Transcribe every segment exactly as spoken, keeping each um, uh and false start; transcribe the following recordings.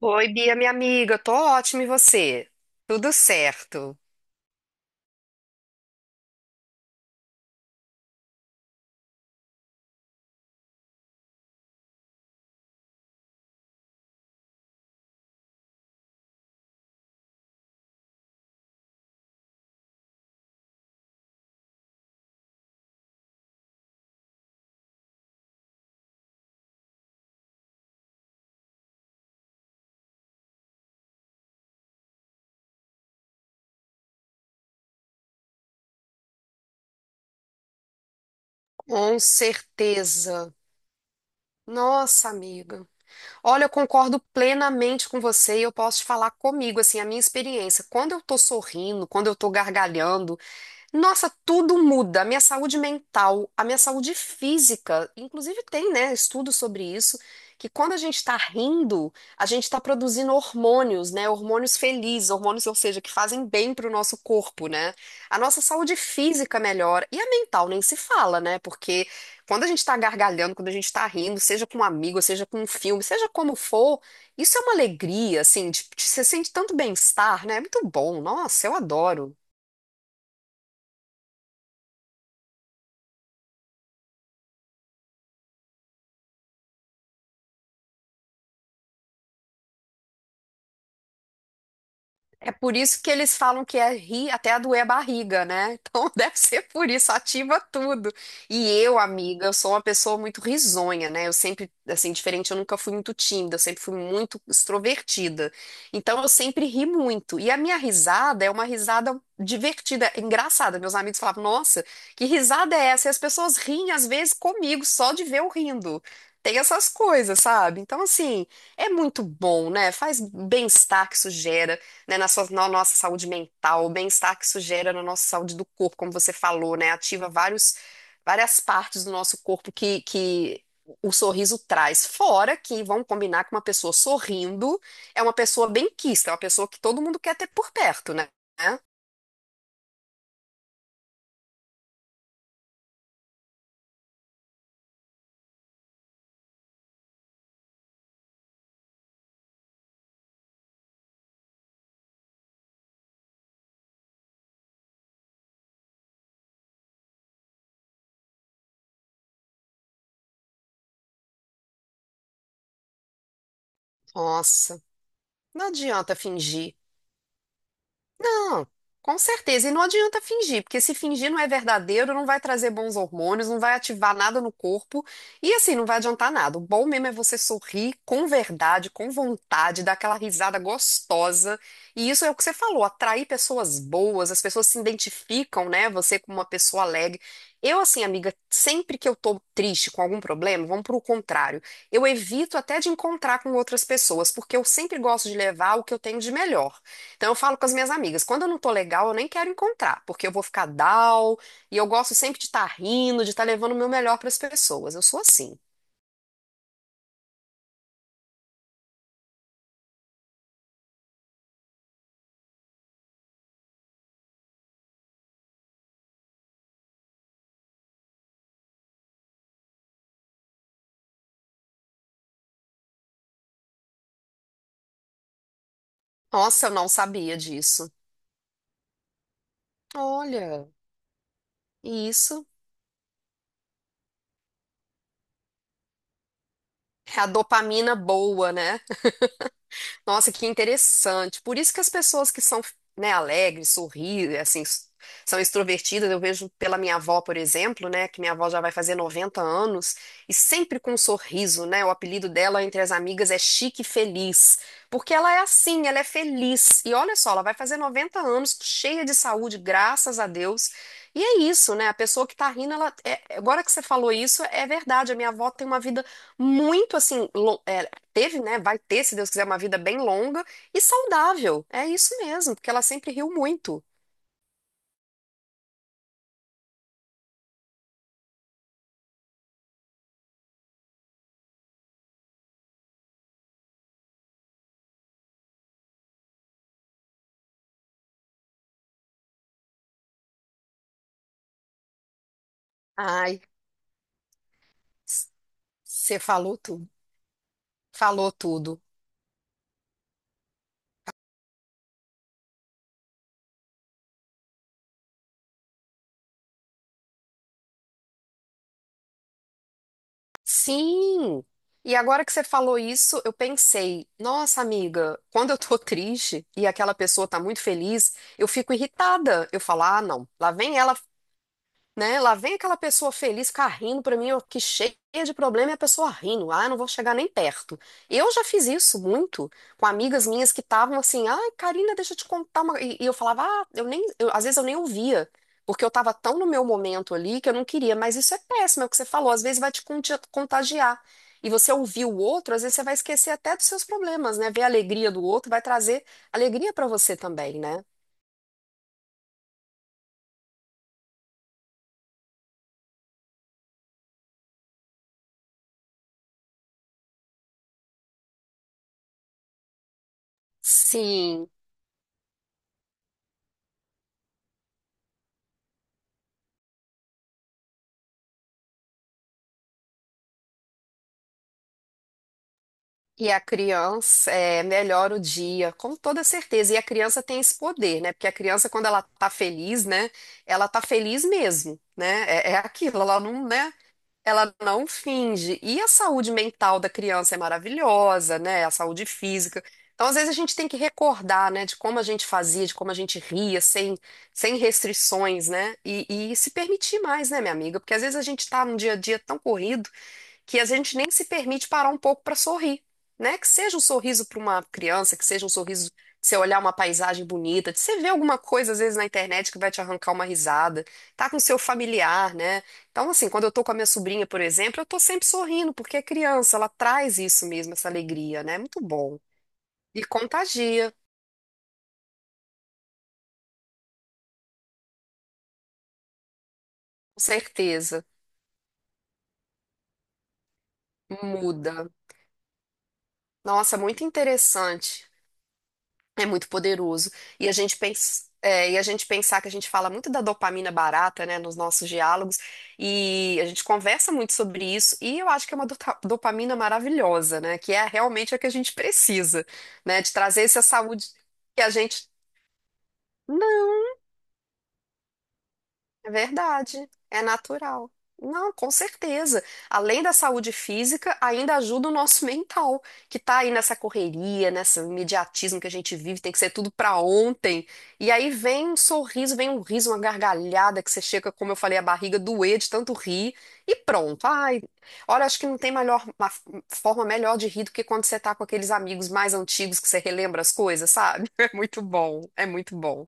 Oi, Bia, minha amiga, tô ótima e você? Tudo certo. Com certeza. Nossa, amiga. Olha, eu concordo plenamente com você e eu posso te falar comigo, assim, a minha experiência. Quando eu tô sorrindo, quando eu tô gargalhando, nossa, tudo muda. A minha saúde mental, a minha saúde física, inclusive tem, né, estudos sobre isso, que quando a gente está rindo, a gente está produzindo hormônios, né, hormônios felizes, hormônios, ou seja, que fazem bem para o nosso corpo, né? A nossa saúde física melhora e a mental nem se fala, né? Porque quando a gente está gargalhando, quando a gente está rindo, seja com um amigo, seja com um filme, seja como for, isso é uma alegria, assim, de, de- você sente tanto bem-estar, né? É muito bom. Nossa, eu adoro. É por isso que eles falam que é rir até a doer a barriga, né? Então deve ser por isso, ativa tudo. E eu, amiga, eu sou uma pessoa muito risonha, né? Eu sempre, assim, diferente, eu nunca fui muito tímida, eu sempre fui muito extrovertida. Então eu sempre ri muito. E a minha risada é uma risada divertida, é engraçada. Meus amigos falavam, nossa, que risada é essa? E as pessoas riem, às vezes, comigo, só de ver eu rindo. Tem essas coisas, sabe? Então, assim, é muito bom, né? Faz bem-estar que isso gera, né, na, sua- na nossa saúde mental, o bem-estar que isso gera na nossa saúde do corpo, como você falou, né? Ativa vários, várias partes do nosso corpo que, que o sorriso traz. Fora que vão combinar que uma pessoa sorrindo é uma pessoa benquista, é uma pessoa que todo mundo quer ter por perto, né? Nossa, não adianta fingir. Não, com certeza. E não adianta fingir, porque se fingir não é verdadeiro, não vai trazer bons hormônios, não vai ativar nada no corpo e assim não vai adiantar nada. O bom mesmo é você sorrir com verdade, com vontade, dar aquela risada gostosa. E isso é o que você falou, atrair pessoas boas, as pessoas se identificam, né? Você como uma pessoa alegre. Eu, assim, amiga, sempre que eu tô triste com algum problema, vamos pro contrário. Eu evito até de encontrar com outras pessoas, porque eu sempre gosto de levar o que eu tenho de melhor. Então eu falo com as minhas amigas, quando eu não tô legal, eu nem quero encontrar, porque eu vou ficar down, e eu gosto sempre de estar rindo, de estar levando o meu melhor para as pessoas. Eu sou assim. Nossa, eu não sabia disso. Olha, isso é a dopamina boa, né? Nossa, que interessante. Por isso que as pessoas que são, né, alegres, sorri, assim, s- são extrovertidas, eu vejo pela minha avó, por exemplo, né, que minha avó já vai fazer noventa anos e sempre com um sorriso, né? O apelido dela entre as amigas é Chique Feliz, porque ela é assim, ela é feliz. E olha só, ela vai fazer noventa anos cheia de saúde, graças a Deus. E é isso, né? A pessoa que tá rindo, ela é- agora que você falou isso, é verdade. A minha avó tem uma vida muito assim, teve, né? Vai ter, se Deus quiser, uma vida bem longa e saudável. É isso mesmo, porque ela sempre riu muito. Ai, você falou tudo. Falou tudo. Sim! E agora que você falou isso, eu pensei, nossa amiga, quando eu tô triste e aquela pessoa tá muito feliz, eu fico irritada. Eu falo, ah, não, lá vem ela, né? Lá vem aquela pessoa feliz, carrindo pra mim, ó, que cheia de problema e a pessoa rindo. Ah, não vou chegar nem perto. Eu já fiz isso muito com amigas minhas que estavam assim, ai, Karina, deixa eu te contar uma. E, e eu falava, ah, eu nem, eu- às vezes eu nem ouvia. Porque eu tava tão no meu momento ali que eu não queria, mas isso é péssimo, é o que você falou, às vezes vai te conti- contagiar. E você ouvir o outro, às vezes você vai esquecer até dos seus problemas, né? Ver a alegria do outro vai trazer alegria pra você também, né? Sim. E a criança é, melhora o dia, com toda certeza. E a criança tem esse poder, né? Porque a criança, quando ela tá feliz, né? Ela tá feliz mesmo, né? É, é aquilo, ela não, né? Ela não finge. E a saúde mental da criança é maravilhosa, né? A saúde física. Então, às vezes, a gente tem que recordar, né? De como a gente fazia, de como a gente ria, sem, sem restrições, né? E, e se permitir mais, né, minha amiga? Porque às vezes a gente tá num dia a dia tão corrido que a gente nem se permite parar um pouco para sorrir, né? Que seja um sorriso para uma criança, que seja um sorriso de você olhar uma paisagem bonita, de você ver alguma coisa às vezes na internet que vai te arrancar uma risada, tá com seu familiar, né? Então, assim, quando eu tô com a minha sobrinha, por exemplo, eu tô sempre sorrindo, porque é criança, ela traz isso mesmo, essa alegria, né? Muito bom. E contagia, com certeza. Muda. Nossa, muito interessante. É muito poderoso. E a gente pensa, é, e a gente pensar que a gente fala muito da dopamina barata, né, nos nossos diálogos, e a gente conversa muito sobre isso, e eu acho que é uma dota- dopamina maravilhosa, né, que é realmente a que a gente precisa, né, de trazer essa saúde que a gente. Não. É verdade, é natural. Não, com certeza. Além da saúde física, ainda ajuda o nosso mental, que tá aí nessa correria, nesse imediatismo que a gente vive, tem que ser tudo pra ontem. E aí vem um sorriso, vem um riso, uma gargalhada que você chega, como eu falei, a barriga doer de tanto rir e pronto. Ai, olha, acho que não tem melhor, uma forma melhor de rir do que quando você tá com aqueles amigos mais antigos que você relembra as coisas, sabe? É muito bom, é muito bom.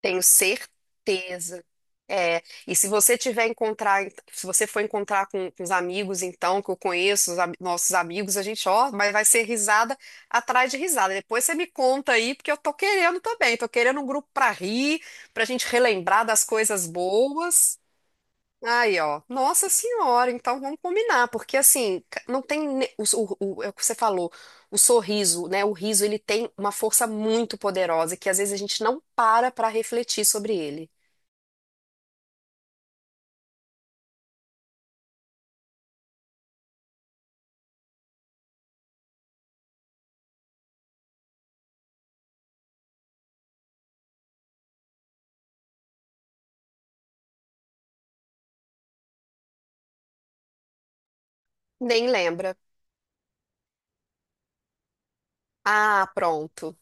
Tenho certeza. É, e se você tiver encontrar, se você for encontrar com, com os amigos, então, que eu conheço, os am- nossos amigos, a gente, ó, mas vai ser risada atrás de risada. Depois você me conta aí, porque eu tô querendo também, tô querendo um grupo pra rir, pra gente relembrar das coisas boas. Aí, ó. Nossa senhora, então vamos combinar, porque assim, ca- não tem ne- o, o, o- é o que você falou, o sorriso, né? O riso, ele tem uma força muito poderosa que às vezes a gente não para para refletir sobre ele. Nem lembra. Ah, pronto.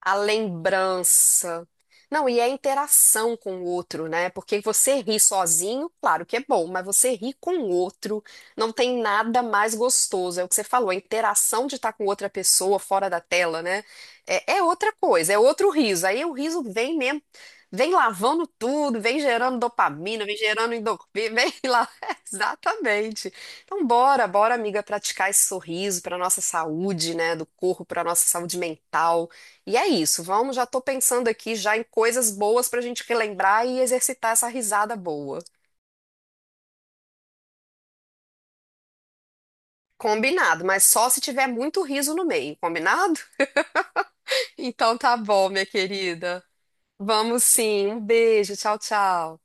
A lembrança. Não, e é a interação com o outro, né? Porque você ri sozinho, claro que é bom, mas você ri com o outro, não tem nada mais gostoso. É o que você falou, a interação de estar com outra pessoa fora da tela, né? É, é outra coisa, é outro riso. Aí o riso vem mesmo, vem lavando tudo, vem gerando dopamina, vem gerando endorfina, vem lá. Exatamente. Então, bora, bora, amiga, praticar esse sorriso para nossa saúde, né? Do corpo, para nossa saúde mental. E é isso, vamos, já tô pensando aqui já em coisas boas pra gente relembrar e exercitar essa risada boa. Combinado, mas só se tiver muito riso no meio, combinado? Então tá bom, minha querida. Vamos sim, um beijo, tchau, tchau.